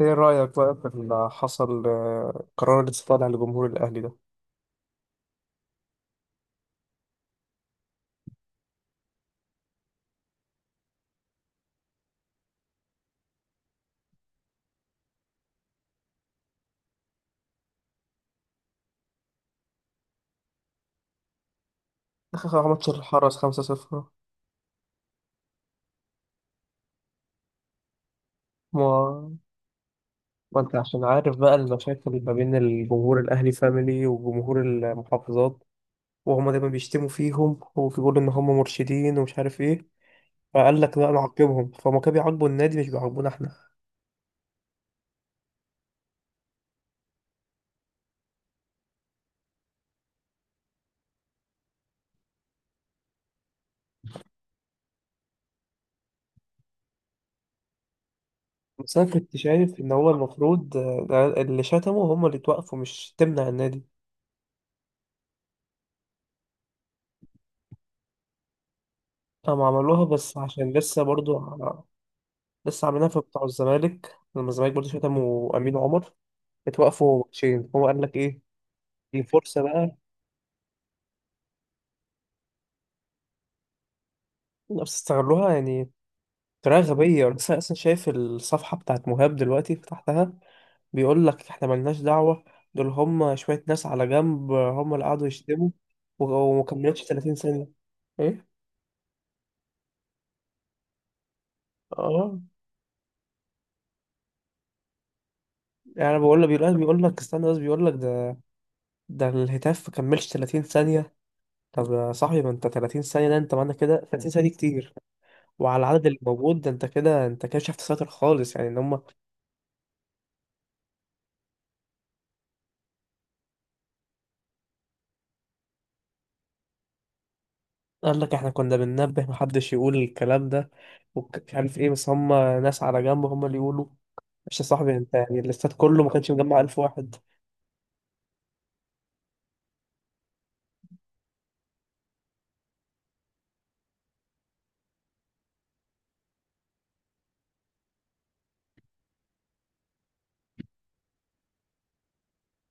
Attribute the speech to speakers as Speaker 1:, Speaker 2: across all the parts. Speaker 1: ايه رأيك بقى في اللي حصل قرار الاستقالة لجمهور الأهلي ده؟ آخر ماتش الحرس 5-0. ما ما أنت عشان عارف بقى المشاكل ما بين الجمهور الأهلي فاميلي وجمهور المحافظات، وهما دايما بيشتموا فيهم وبيقولوا إن هما مرشدين ومش عارف إيه. فقال لك لا نعاقبهم، فهم كانوا بيعاقبوا النادي مش بيعاقبونا إحنا. بس أنا كنت شايف إن هو المفروض ده اللي شتموا هما اللي توقفوا، مش تمنع النادي. هم عملوها بس عشان لسه برضو لسه عاملينها في بتاع الزمالك، لما الزمالك برضه شتموا امين عمر اتوقفوا ماتشين. هو قال لك ايه؟ دي فرصه بقى. بس استغلوها يعني بطريقه غبيه. انا لسه اصلا شايف الصفحه بتاعت مهاب دلوقتي، فتحتها. بيقول لك احنا ملناش دعوه، دول هم شويه ناس على جنب هم اللي قعدوا يشتموا وما كملتش 30 ثانيه. ايه؟ اه يعني أنا بقول لك بيقول لك استنى، بس بيقول لك ده. ده الهتاف ما كملش 30 ثانيه. طب يا صاحبي ما انت 30 ثانيه ده، انت معنى كده 30 ثانيه دي كتير. وعلى العدد اللي موجود ده، انت كده انت كده شفت ساتر خالص، يعني ان هم. قال لك احنا كنا بننبه محدش يقول الكلام ده ومش عارف ايه، بس هم ناس على جنب هم اللي يقولوا. مش يا صاحبي انت، يعني الاستاد كله ما كانش مجمع 1000 واحد.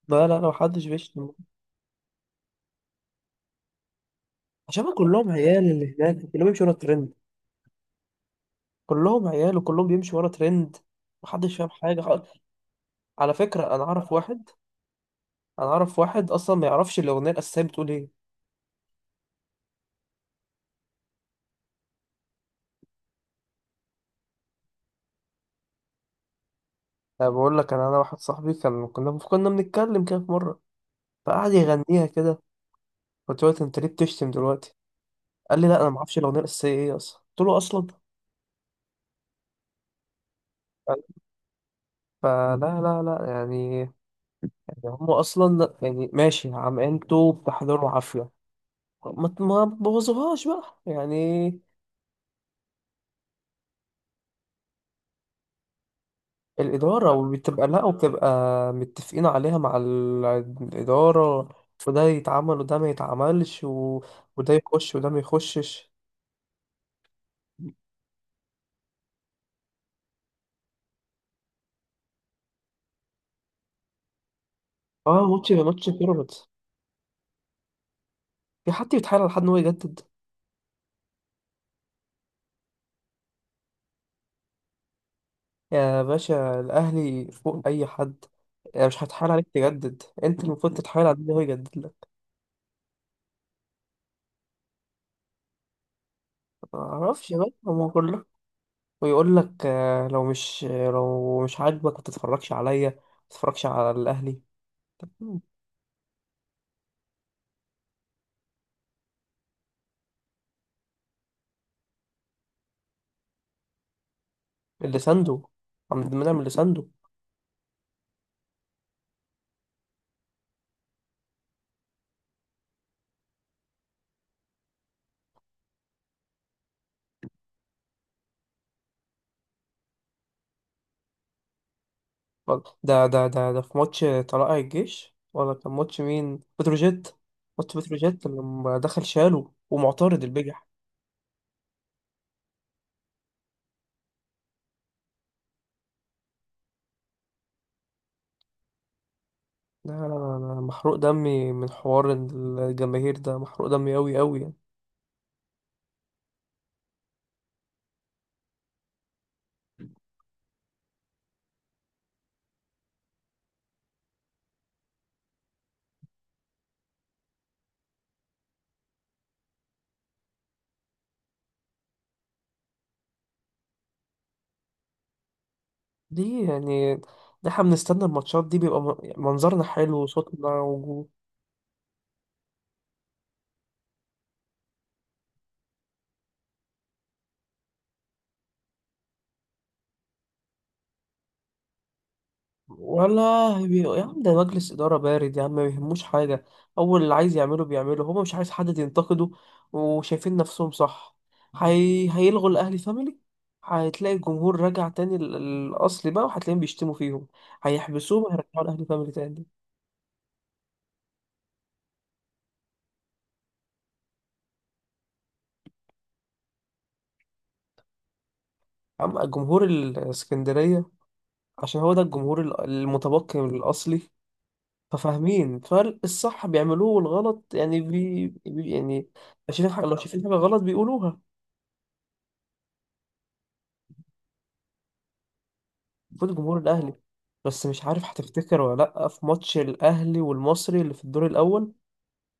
Speaker 1: لا، لا، لا، محدش بيشتم. عشان هما كلهم عيال، اللي هناك كلهم بيمشوا ورا ترند. كلهم عيال وكلهم بيمشوا ورا ترند. محدش فاهم حاجة خالص. على فكرة انا اعرف واحد اصلا ما يعرفش الاغنية الاساسية بتقول ايه. انا بقول لك انا واحد صاحبي كان كنا كنا بنتكلم كده في مرة، فقعد يغنيها كده. قلت له انت ليه بتشتم دلوقتي؟ قال لي لا انا ما اعرفش الاغنيه الاساسيه ايه اصلا. قلت له اصلا. فلا، لا، لا، يعني هم اصلا يعني ماشي، عم انتوا بتحضروا عافيه. ما بوظوهاش بقى يعني. الاداره، وبتبقى، لا، وبتبقى متفقين عليها مع الاداره، وده يتعمل وده ما يتعملش و... وده يخش وده ما يخشش. اه ماتش بيراميدز. في حد بيتحايل على حد ان هو يجدد؟ يا باشا الاهلي فوق اي حد، يعني مش هتحاول عليك تجدد، انت المفروض تتحايل على اللي هو يجدد لك. ما اعرفش بقى هو كله، ويقول لك لو مش عاجبك ما تتفرجش عليا، ما تتفرجش على الاهلي. طب. اللي سانده عم بنعمل اللي سانده. ده في ماتش طلائع الجيش ولا كان ماتش مين؟ بتروجيت. ماتش بتروجيت لما دخل شاله ومعترض البجح. لا، لا، لا، لا، محروق دمي من حوار الجماهير ده، محروق دمي أوي أوي يعني. دي يعني، ده احنا بنستنى الماتشات دي، بيبقى يعني منظرنا حلو وصوتنا وجو. ولا يا عم، ده مجلس إدارة بارد يا عم، ما يهموش حاجة. أول اللي عايز يعمله بيعمله، هما مش عايز حد ينتقده وشايفين نفسهم صح. هيلغوا الأهلي فاميلي، هتلاقي الجمهور راجع تاني، الأصلي بقى، وهتلاقيهم بيشتموا فيهم. هيحبسوهم، هيرجعوا الأهلي فاميلي تاني. أما الجمهور الإسكندرية، عشان هو ده الجمهور المتبقي من الأصلي. ففاهمين، فالصح بيعملوه والغلط يعني بي... بي يعني. لو شايفين حاجة، لو شايفين حاجة غلط بيقولوها. المفروض جمهور الأهلي، بس مش عارف هتفتكر ولا لأ في ماتش الأهلي والمصري اللي في الدور الأول،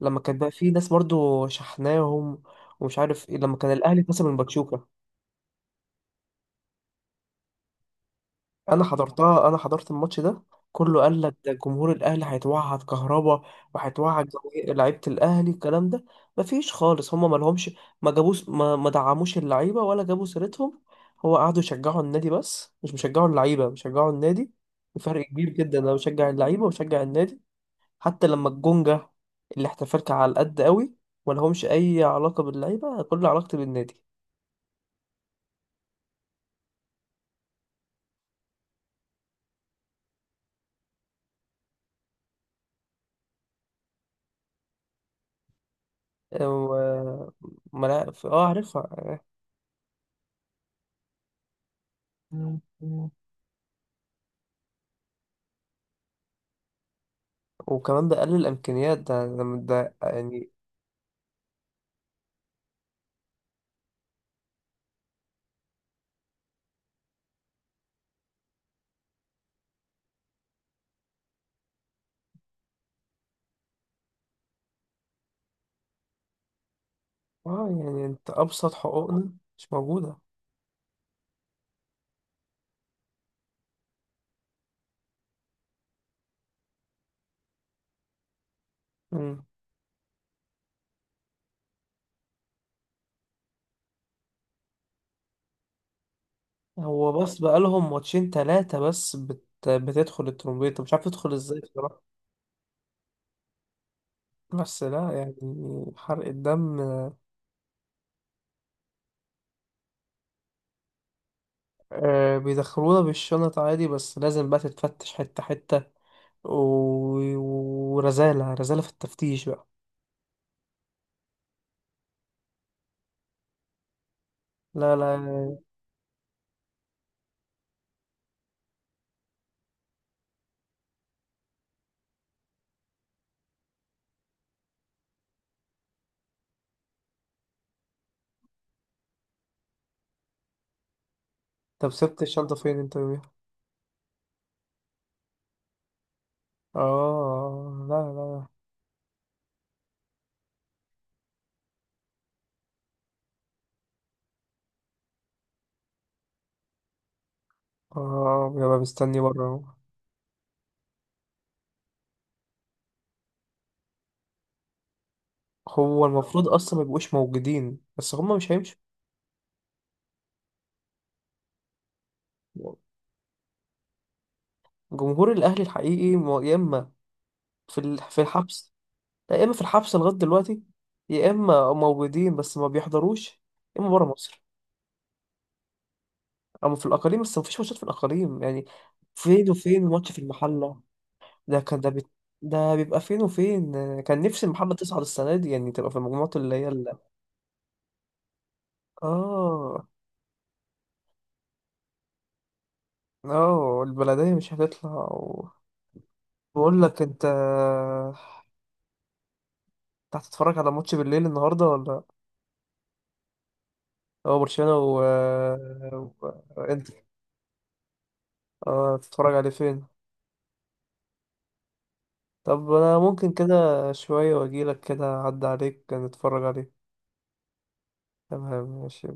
Speaker 1: لما كان بقى فيه ناس برضو شحناهم ومش عارف إيه، لما كان الأهلي خسر من باتشوكا. انا حضرتها، انا حضرت الماتش ده. كله قال لك ده جمهور الاهلي هيتوعد كهربا وهيتوعد جماهير- لعيبه الاهلي الكلام ده. مفيش خالص، هما ما لهمش، ما جابوش، ما دعموش اللعيبه ولا جابوا سيرتهم. هو قعدوا يشجعوا النادي، بس مش مشجعوا اللعيبه، بيشجعوا النادي. بفرق كبير جدا، انا بشجع اللعيبه وبشجع النادي. حتى لما الجونجا اللي احتفلت على القد قوي، ما لهمش اي علاقه باللعيبه، كل علاقتي بالنادي. أه، و- ما لا- اه عارفها. وكمان ده قلل الامكانيات، ده يعني. اه يعني انت ابسط حقوقنا مش موجوده. مم. هو بس بقالهم ماتشين ثلاثه بس بتدخل الترومبيته مش عارف تدخل ازاي بصراحه. بس لا يعني، حرق الدم. آه، بيدخلونا بالشنط عادي، بس لازم بقى تتفتش حته حته و... ورزاله، رزاله في التفتيش بقى. لا، لا. طب سبت الشنطه فين انت يوميها؟ اه، لا، لا. اه، بيبقى مستني بره اهو. هو المفروض اصلا ما يبقوش موجودين، بس هما مش هيمشوا. جمهور الاهلي الحقيقي يا اما في في الحبس. لا، يا اما في الحبس لغايه دلوقتي، يا اما موجودين بس ما بيحضروش، يا اما بره مصر. اما في الاقاليم، بس ما فيش ماتشات في الاقاليم يعني. فين وفين ماتش في المحله. ده كان ده. ده بيبقى فين وفين. كان نفسي المحله تصعد السنه دي يعني، تبقى في المجموعات اللي هي ال... اه. اه، البلديه مش هتطلع و... بقول لك انت هتتفرج على ماتش بالليل النهارده ولا؟ هو برشلونة و انتر. اه، تتفرج عليه فين؟ طب انا ممكن كده شوية واجيلك كده اعدي عليك نتفرج عليه. تمام ماشي.